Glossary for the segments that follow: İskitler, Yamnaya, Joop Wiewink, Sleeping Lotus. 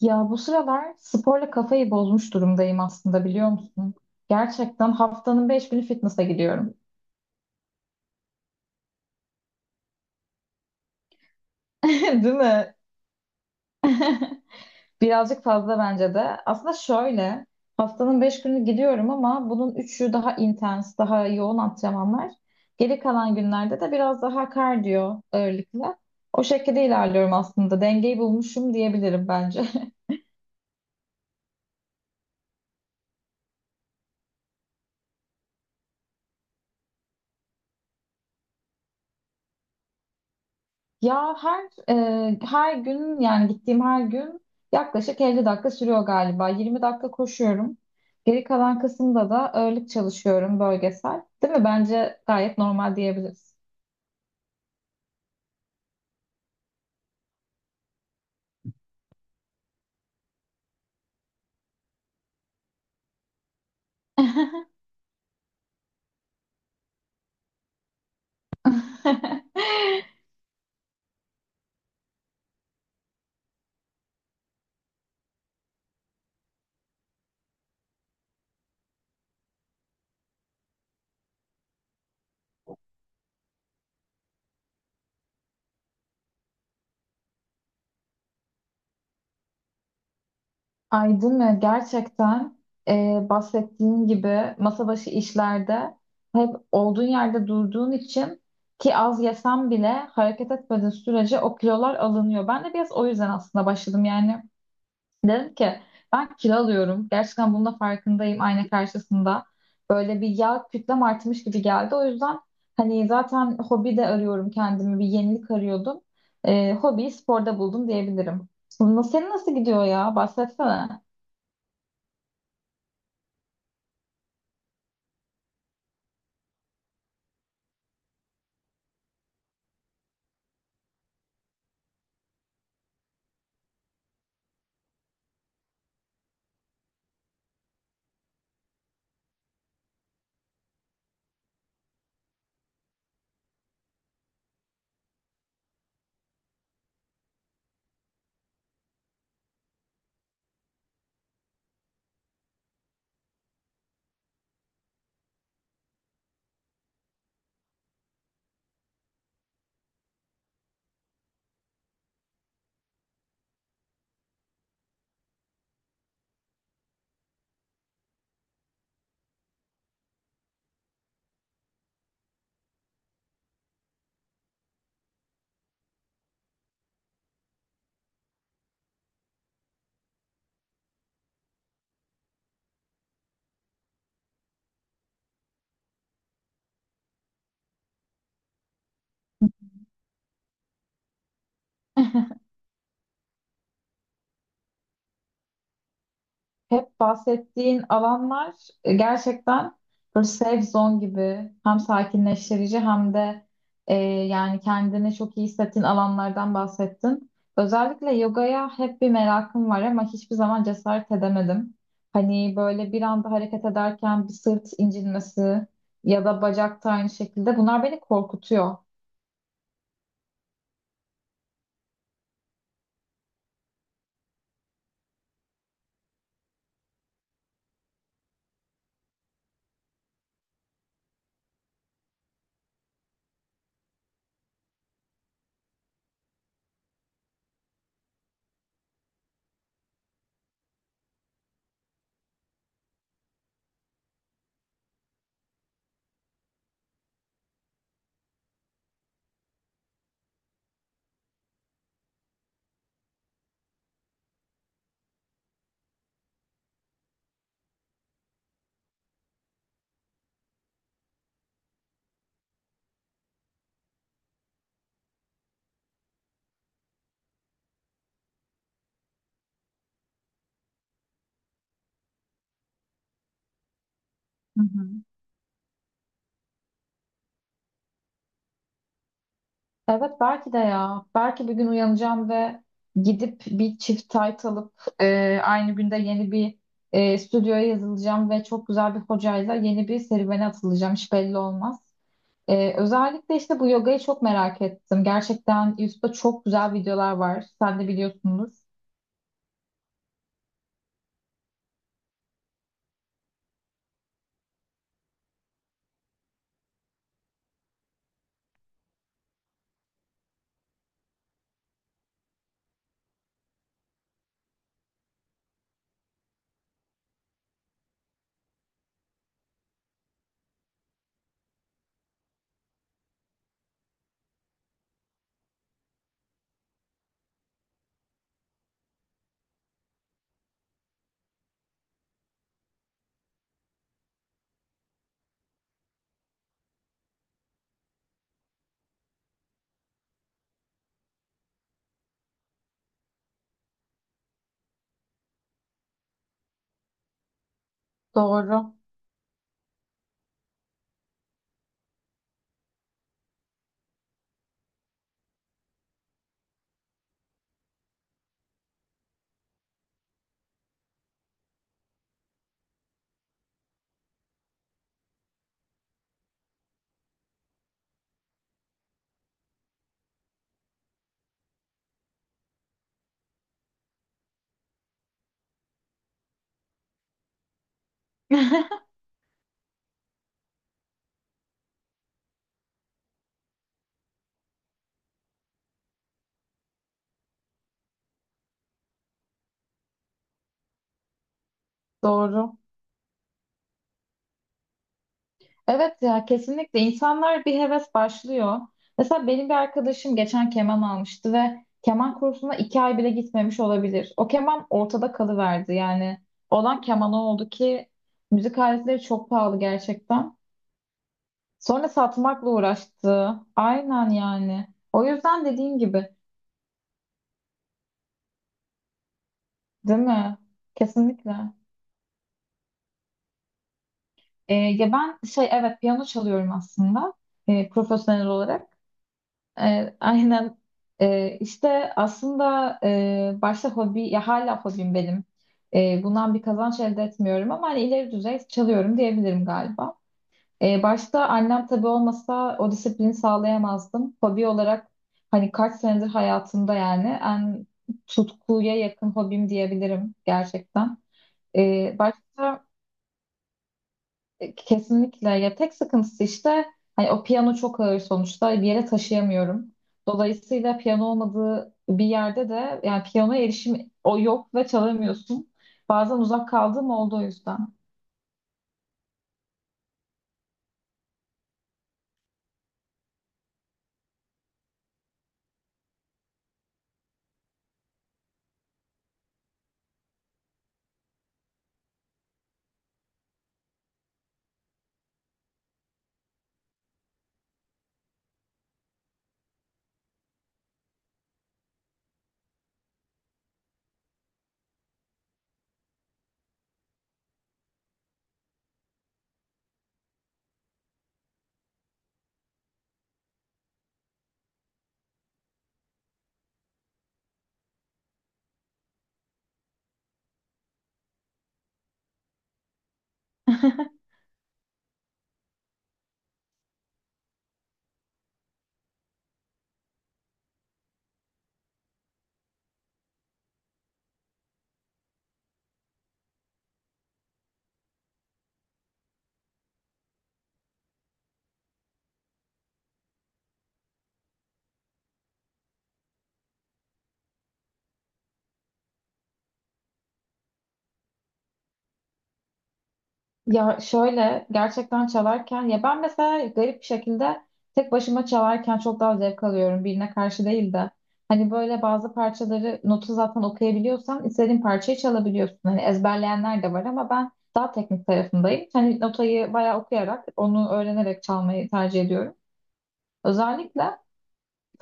Ya bu sıralar sporla kafayı bozmuş durumdayım aslında, biliyor musun? Gerçekten haftanın beş günü fitness'a gidiyorum. Değil mi? Birazcık fazla bence de. Aslında şöyle, haftanın beş günü gidiyorum ama bunun üçü daha intens, daha yoğun antrenmanlar. Geri kalan günlerde de biraz daha kardiyo ağırlıklı. O şekilde ilerliyorum aslında. Dengeyi bulmuşum diyebilirim bence. Ya her gün yani gittiğim her gün yaklaşık 50 dakika sürüyor galiba. 20 dakika koşuyorum. Geri kalan kısımda da ağırlık çalışıyorum bölgesel. Değil mi? Bence gayet normal diyebiliriz. Aydın ve gerçekten bahsettiğin gibi masa başı işlerde hep olduğun yerde durduğun için ki az yesem bile hareket etmediğin sürece o kilolar alınıyor. Ben de biraz o yüzden aslında başladım yani. Dedim ki ben kilo alıyorum. Gerçekten bunun da farkındayım ayna karşısında. Böyle bir yağ kütlem artmış gibi geldi. O yüzden hani zaten hobi de arıyorum kendimi. Bir yenilik arıyordum. Hobiyi sporda buldum diyebilirim. Senin nasıl gidiyor ya? Bahsetsene. Hep bahsettiğin alanlar, gerçekten böyle safe zone gibi, hem sakinleştirici hem de yani kendini çok iyi hissettiğin alanlardan bahsettin. Özellikle yogaya hep bir merakım var ama hiçbir zaman cesaret edemedim. Hani böyle bir anda hareket ederken bir sırt incinmesi ya da bacakta aynı şekilde, bunlar beni korkutuyor. Hı hı. Evet, belki de ya. Belki bir gün uyanacağım ve gidip bir çift tayt alıp aynı günde yeni bir stüdyoya yazılacağım ve çok güzel bir hocayla yeni bir serüvene atılacağım. Hiç belli olmaz. Özellikle işte bu yogayı çok merak ettim. Gerçekten YouTube'da çok güzel videolar var. Sen de biliyorsundur. Doğru. Doğru. Evet ya, kesinlikle insanlar bir heves başlıyor. Mesela benim bir arkadaşım geçen keman almıştı ve keman kursuna iki ay bile gitmemiş olabilir. O keman ortada kalıverdi yani. Olan keman o oldu ki müzik aletleri çok pahalı gerçekten. Sonra satmakla uğraştı. Aynen yani. O yüzden dediğim gibi. Değil mi? Kesinlikle. Ya ben şey evet piyano çalıyorum aslında, profesyonel olarak. E, aynen işte aslında başta hobi, ya hala hobim benim. Bundan bir kazanç elde etmiyorum ama hani ileri düzey çalıyorum diyebilirim galiba. Başta annem tabii olmasa o disiplini sağlayamazdım. Hobi olarak hani kaç senedir hayatımda yani en tutkuya yakın hobim diyebilirim gerçekten. E, başta Kesinlikle. Ya tek sıkıntısı işte, hani o piyano çok ağır sonuçta, bir yere taşıyamıyorum. Dolayısıyla piyano olmadığı bir yerde de yani piyanoya erişim o yok ve çalamıyorsun. Bazen uzak kaldığım oldu o yüzden. Ya şöyle gerçekten çalarken ya ben mesela garip bir şekilde tek başıma çalarken çok daha zevk alıyorum, birine karşı değil de. Hani böyle bazı parçaları, notu zaten okuyabiliyorsan istediğin parçayı çalabiliyorsun. Hani ezberleyenler de var ama ben daha teknik tarafındayım. Hani notayı bayağı okuyarak, onu öğrenerek çalmayı tercih ediyorum. Özellikle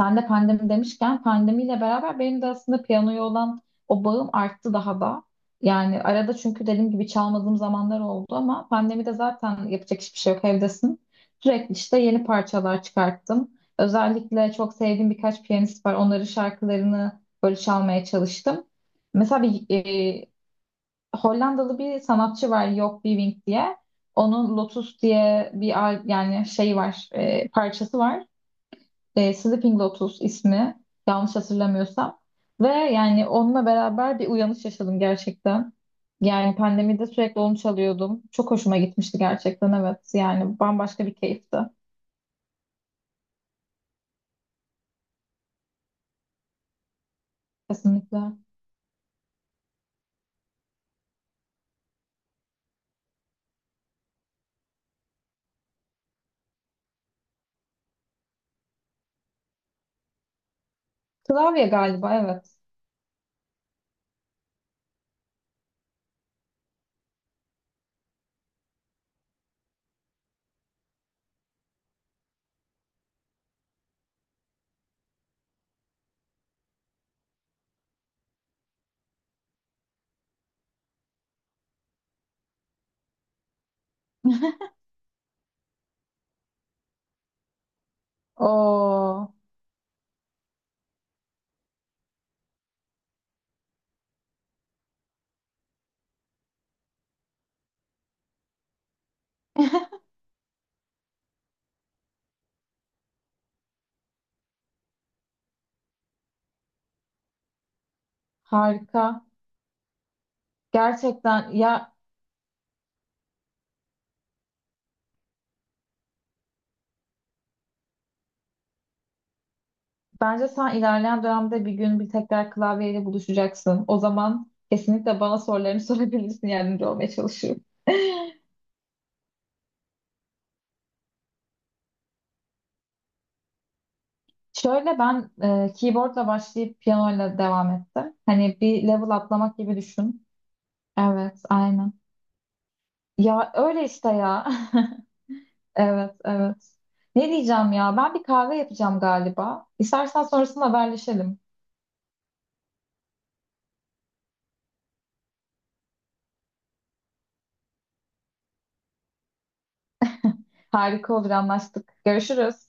sen de pandemi demişken, pandemiyle beraber benim de aslında piyanoya olan o bağım arttı daha da. Yani arada, çünkü dediğim gibi çalmadığım zamanlar oldu ama pandemide zaten yapacak hiçbir şey yok, evdesin. Sürekli işte yeni parçalar çıkarttım. Özellikle çok sevdiğim birkaç piyanist var. Onların şarkılarını böyle çalmaya çalıştım. Mesela bir Hollandalı bir sanatçı var, Joop Wiewink diye. Onun Lotus diye yani şey var, parçası var, Sleeping Lotus ismi, yanlış hatırlamıyorsam. Ve yani onunla beraber bir uyanış yaşadım gerçekten. Yani pandemide sürekli onu çalıyordum. Çok hoşuma gitmişti gerçekten, evet. Yani bambaşka bir keyifti. Kesinlikle. Klavye galiba, evet. Oo, harika. Gerçekten ya, bence sen ilerleyen dönemde bir gün bir tekrar klavyeyle buluşacaksın. O zaman kesinlikle bana sorularını sorabilirsin, yardımcı olmaya çalışırım. Şöyle, ben keyboardla başlayıp piyanoyla devam ettim. Hani bir level atlamak gibi düşün. Evet, aynen. Ya öyle işte ya. Evet, evet. Ne diyeceğim ya? Ben bir kahve yapacağım galiba. İstersen sonrasında haberleşelim. Harika olur, anlaştık. Görüşürüz.